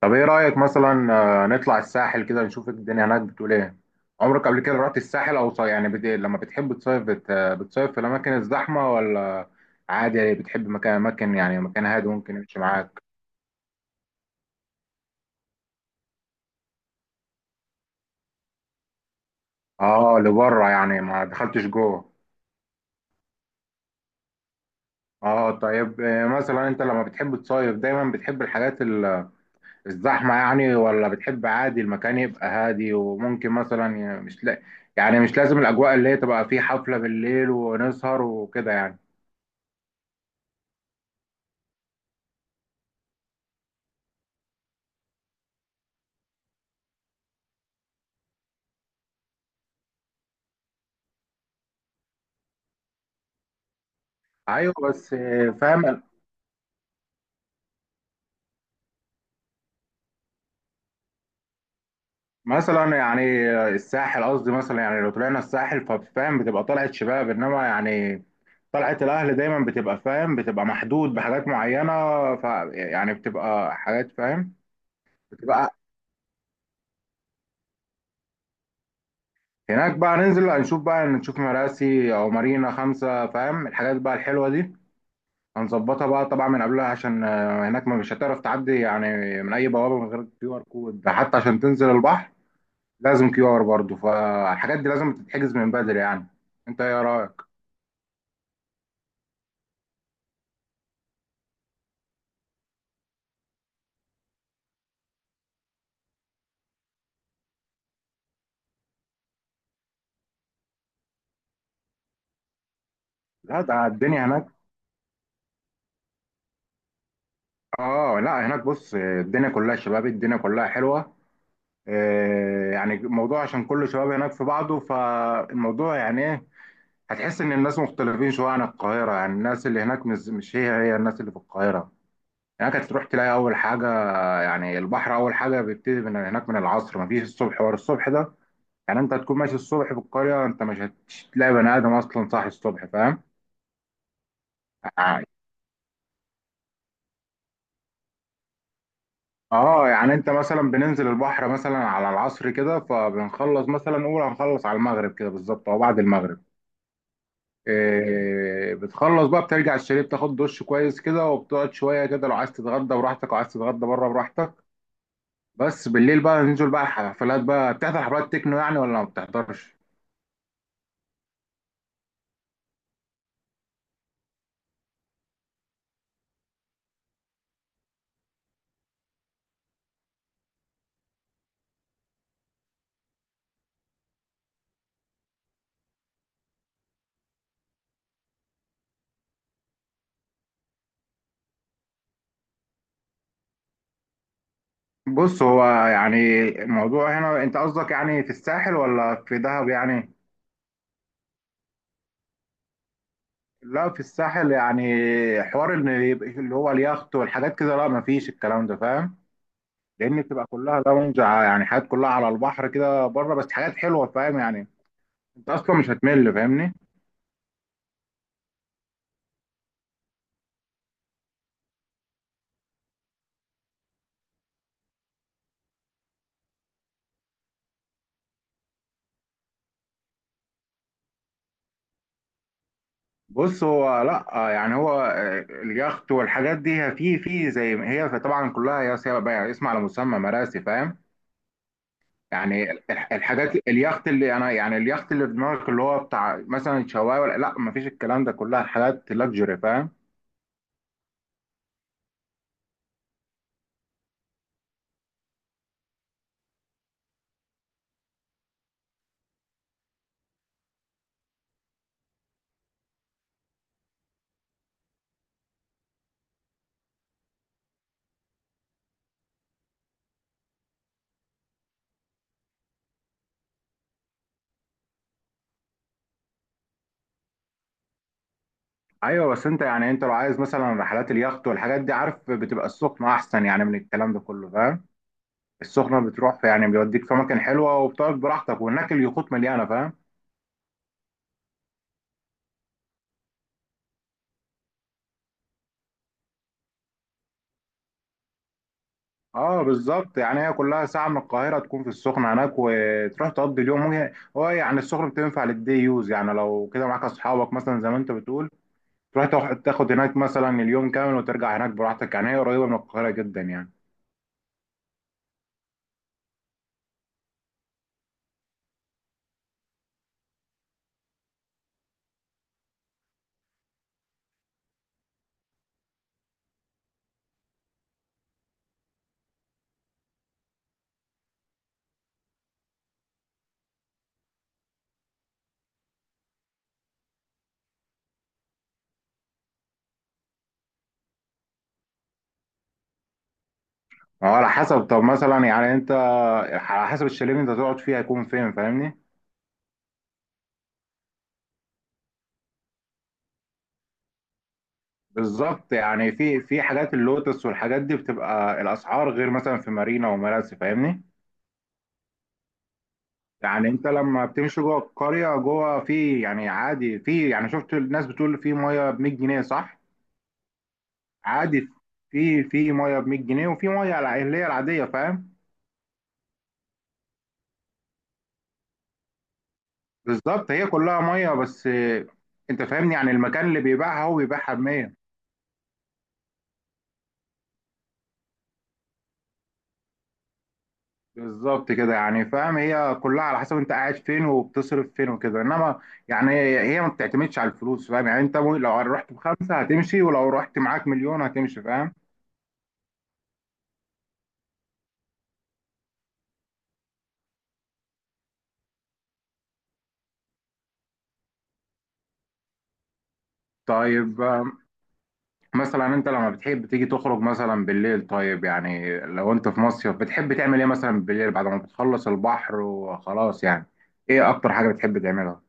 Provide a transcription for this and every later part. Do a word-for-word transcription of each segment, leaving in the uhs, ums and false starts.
طب ايه رأيك مثلا آه، نطلع الساحل كده، نشوف الدنيا هناك بتقول ايه؟ عمرك قبل كده رحت الساحل او صي... يعني بت... لما بتحب تصيف بت... بتصيف في الاماكن الزحمة ولا عادي؟ يعني بتحب مكان، اماكن يعني مكان هادي ممكن يمشي معاك؟ اه، لبره يعني ما دخلتش جوه. اه طيب. آه، مثلا انت لما بتحب تصيف دايما بتحب الحاجات ال- الزحمة يعني، ولا بتحب عادي المكان يبقى هادي وممكن مثلا ي- مش لا... يعني مش لازم الاجواء اللي هي تبقى فيه حفلة بالليل ونسهر وكده يعني. ايوه، بس. فاهم. مثلا يعني الساحل، قصدي مثلا يعني لو طلعنا الساحل ففاهم بتبقى طلعت شباب، انما يعني طلعت الاهل دايما بتبقى فاهم، بتبقى محدود بحاجات معينه. ف يعني بتبقى حاجات فاهم. بتبقى هناك بقى ننزل، هنشوف بقى، نشوف مراسي او مارينا خمسه، فاهم؟ الحاجات بقى الحلوه دي هنظبطها بقى طبعا من قبلها، عشان آه، هناك ما مش هتعرف تعدي يعني من اي بوابه من غير كيو ار كود حتى عشان تنزل البحر. لازم كيو ار برضه، فالحاجات دي لازم تتحجز من بدري يعني. انت ايه رايك؟ لا، ده الدنيا هناك. اه لا، هناك بص الدنيا كلها شباب، الدنيا كلها حلوه. آه، يعني الموضوع عشان كل شباب هناك في بعضه، فالموضوع يعني ايه؟ هتحس ان الناس مختلفين شويه عن القاهره. يعني الناس اللي هناك مش مش هي هي الناس اللي في القاهره. هناك هتروح تلاقي اول حاجه، يعني البحر اول حاجه بيبتدي من هناك من العصر، مفيش الصبح ورا الصبح ده. يعني انت هتكون ماشي الصبح في القريه، انت مش هتلاقي بني ادم اصلا صاحي الصبح، فاهم؟ يعني- اه، يعني انت مثلا بننزل البحر مثلا على العصر كده، فبنخلص مثلا نقول هنخلص على المغرب كده بالظبط او بعد المغرب. إيه، بتخلص بقى، بترجع الشاليه، بتاخد دش كويس كده وبتقعد شويه كده. لو عايز تتغدى براحتك، لو عايز تتغدى بره براحتك. بس بالليل بقى ننزل بقى الحفلات بقى. بتحضر حفلات تكنو يعني ولا ما بتحضرش؟ بص هو يعني الموضوع هنا، انت قصدك يعني في الساحل ولا في دهب يعني؟ لا، في الساحل يعني حوار ان يبقى اللي هو اليخت والحاجات كده، لا ما فيش الكلام ده فاهم. لان بتبقى كلها لونج ع- يعني حاجات كلها على البحر كده بره، بس حاجات حلوه فاهم يعني. انت اصلا مش هتمل، فاهمني؟ بص هو لا، آه، يعني هو آه، اليخت والحاجات دي هي في في زي ما هي طبعا كلها، يا سيما بقى اسم على مسمى مراسي، فاهم. يعني الح- الحاجات اليخت اللي انا، يعني اليخت اللي في دماغك اللي هو بتاع مثلا شوايه ولا، لا ما فيش الكلام ده، كلها حاجات لاكجري فاهم. ايوه، بس انت يعني انت لو عايز مثلا رحلات اليخت والحاجات دي، عارف بتبقى السخنه احسن يعني من الكلام ده كله فاهم. السخنه بتروح في، يعني بيوديك في اماكن حلوه وبتقعد براحتك، وهناك اليخوت مليانه فاهم. اه بالظبط، يعني هي كلها ساعه من القاهره تكون في السخنه هناك، وتروح تقضي اليوم. وهي هو يعني السخنه بتنفع للدي يوز، يعني لو كده معاك اصحابك مثلا زي ما انت بتقول، تروح تاخد تاخد هناك مثلا اليوم كامل وترجع هناك براحتك، يعني هي قريبه من القاهره جدا يعني. اه على حسب، طب مثلا يعني انت على حسب الشاليه اللي انت تقعد فيه هيكون فين، فاهمني؟ بالظبط، يعني في في حاجات اللوتس والحاجات دي بتبقى الاسعار غير مثلا في مارينا ومراسي، فاهمني. يعني انت لما بتمشي جوه القريه جوه في، يعني عادي في، يعني شفت الناس بتقول في ميه ب مية جنيه، صح؟ عادي. في في ميه ب ميت جنيه، وفي ميه الع- اللي هي العاديه، فاهم. بالظبط هي كلها ميه بس. آه، انت فاهمني، يعني المكان اللي بيبيعها هو بيبيعها ب مية. بالظبط كده، يعني فاهم، هي كلها على حسب انت قاعد فين وبتصرف فين وكده، انما يعني هي ما بتعتمدش على الفلوس، فاهم؟ يعني انت لو رحت بخمسة هتمشي، ولو رحت معاك مليون هتمشي، فاهم. طيب، آه، مثلا انت لما بتحب تيجي تخرج مثلا بالليل، طيب يعني لو انت في مصيف بتحب تعمل ايه مثلا بالليل بعد ما بتخلص البحر وخلاص يعني؟ ايه اكتر حاجة بتحب تعملها؟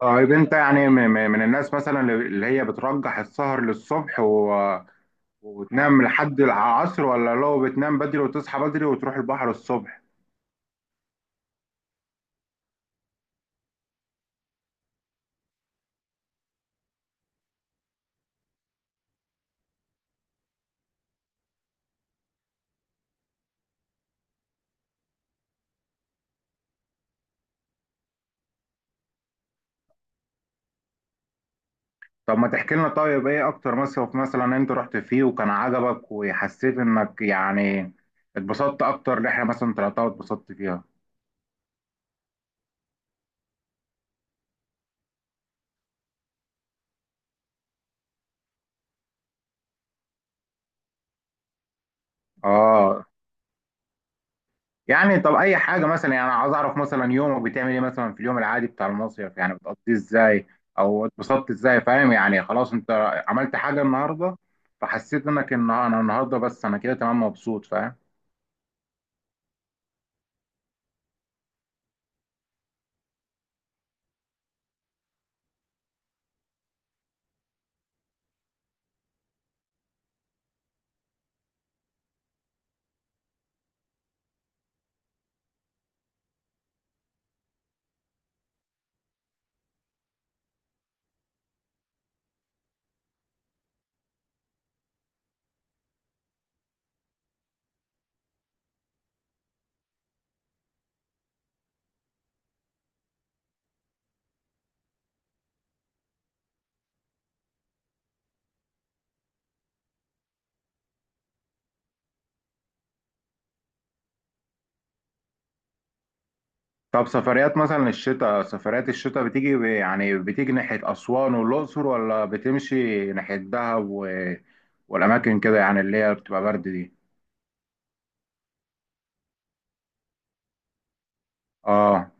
طيب انت يعني م- م- من الناس مثلا اللي هي بترجح السهر للصبح وبتنام لحد العصر، ولا لو بتنام بدري وتصحى بدري وتروح البحر الصبح؟ طب ما تحكي لنا، طيب ايه اكتر مصيف مثلا انت رحت فيه وكان عجبك وحسيت انك يعني اتبسطت، اكتر رحلة مثلا طلعتها واتبسطت فيها؟ اه. يعني طب اي حاجة مثلا، يعني عايز اعرف مثلا يومك بتعمل ايه مثلا في اليوم العادي بتاع المصيف يعني بتقضيه ازاي، او اتبسطت ازاي، فاهم يعني خلاص انت عملت حاجة النهاردة فحسيت انك ان انا النهاردة بس انا كده تمام مبسوط، فاهم. طب سفريات مثلا الشتاء، سفريات الشتاء بتيجي ب- يعني بتيجي ناحية أسوان والأقصر، ولا بتمشي ناحية دهب و... والأماكن كده يعني اللي هي بتبقى برد دي؟ اه.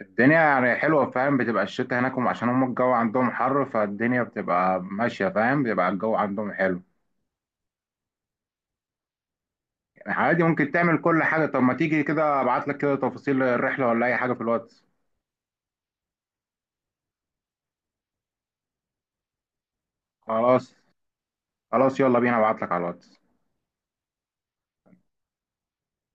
الدنيا يعني حلوة فاهم. بتبقى الشتاء هناك هم- عشان هم الجو عندهم حر فالدنيا بتبقى ماشية فاهم، بيبقى الجو عندهم حلو. يعني عادي، ممكن تعمل كل حاجة. طب ما تيجي كده أبعت لك كده تفاصيل الرحلة ولا أي حاجة في الواتس. خلاص. خلاص، يلا بينا، أبعت لك على الواتس.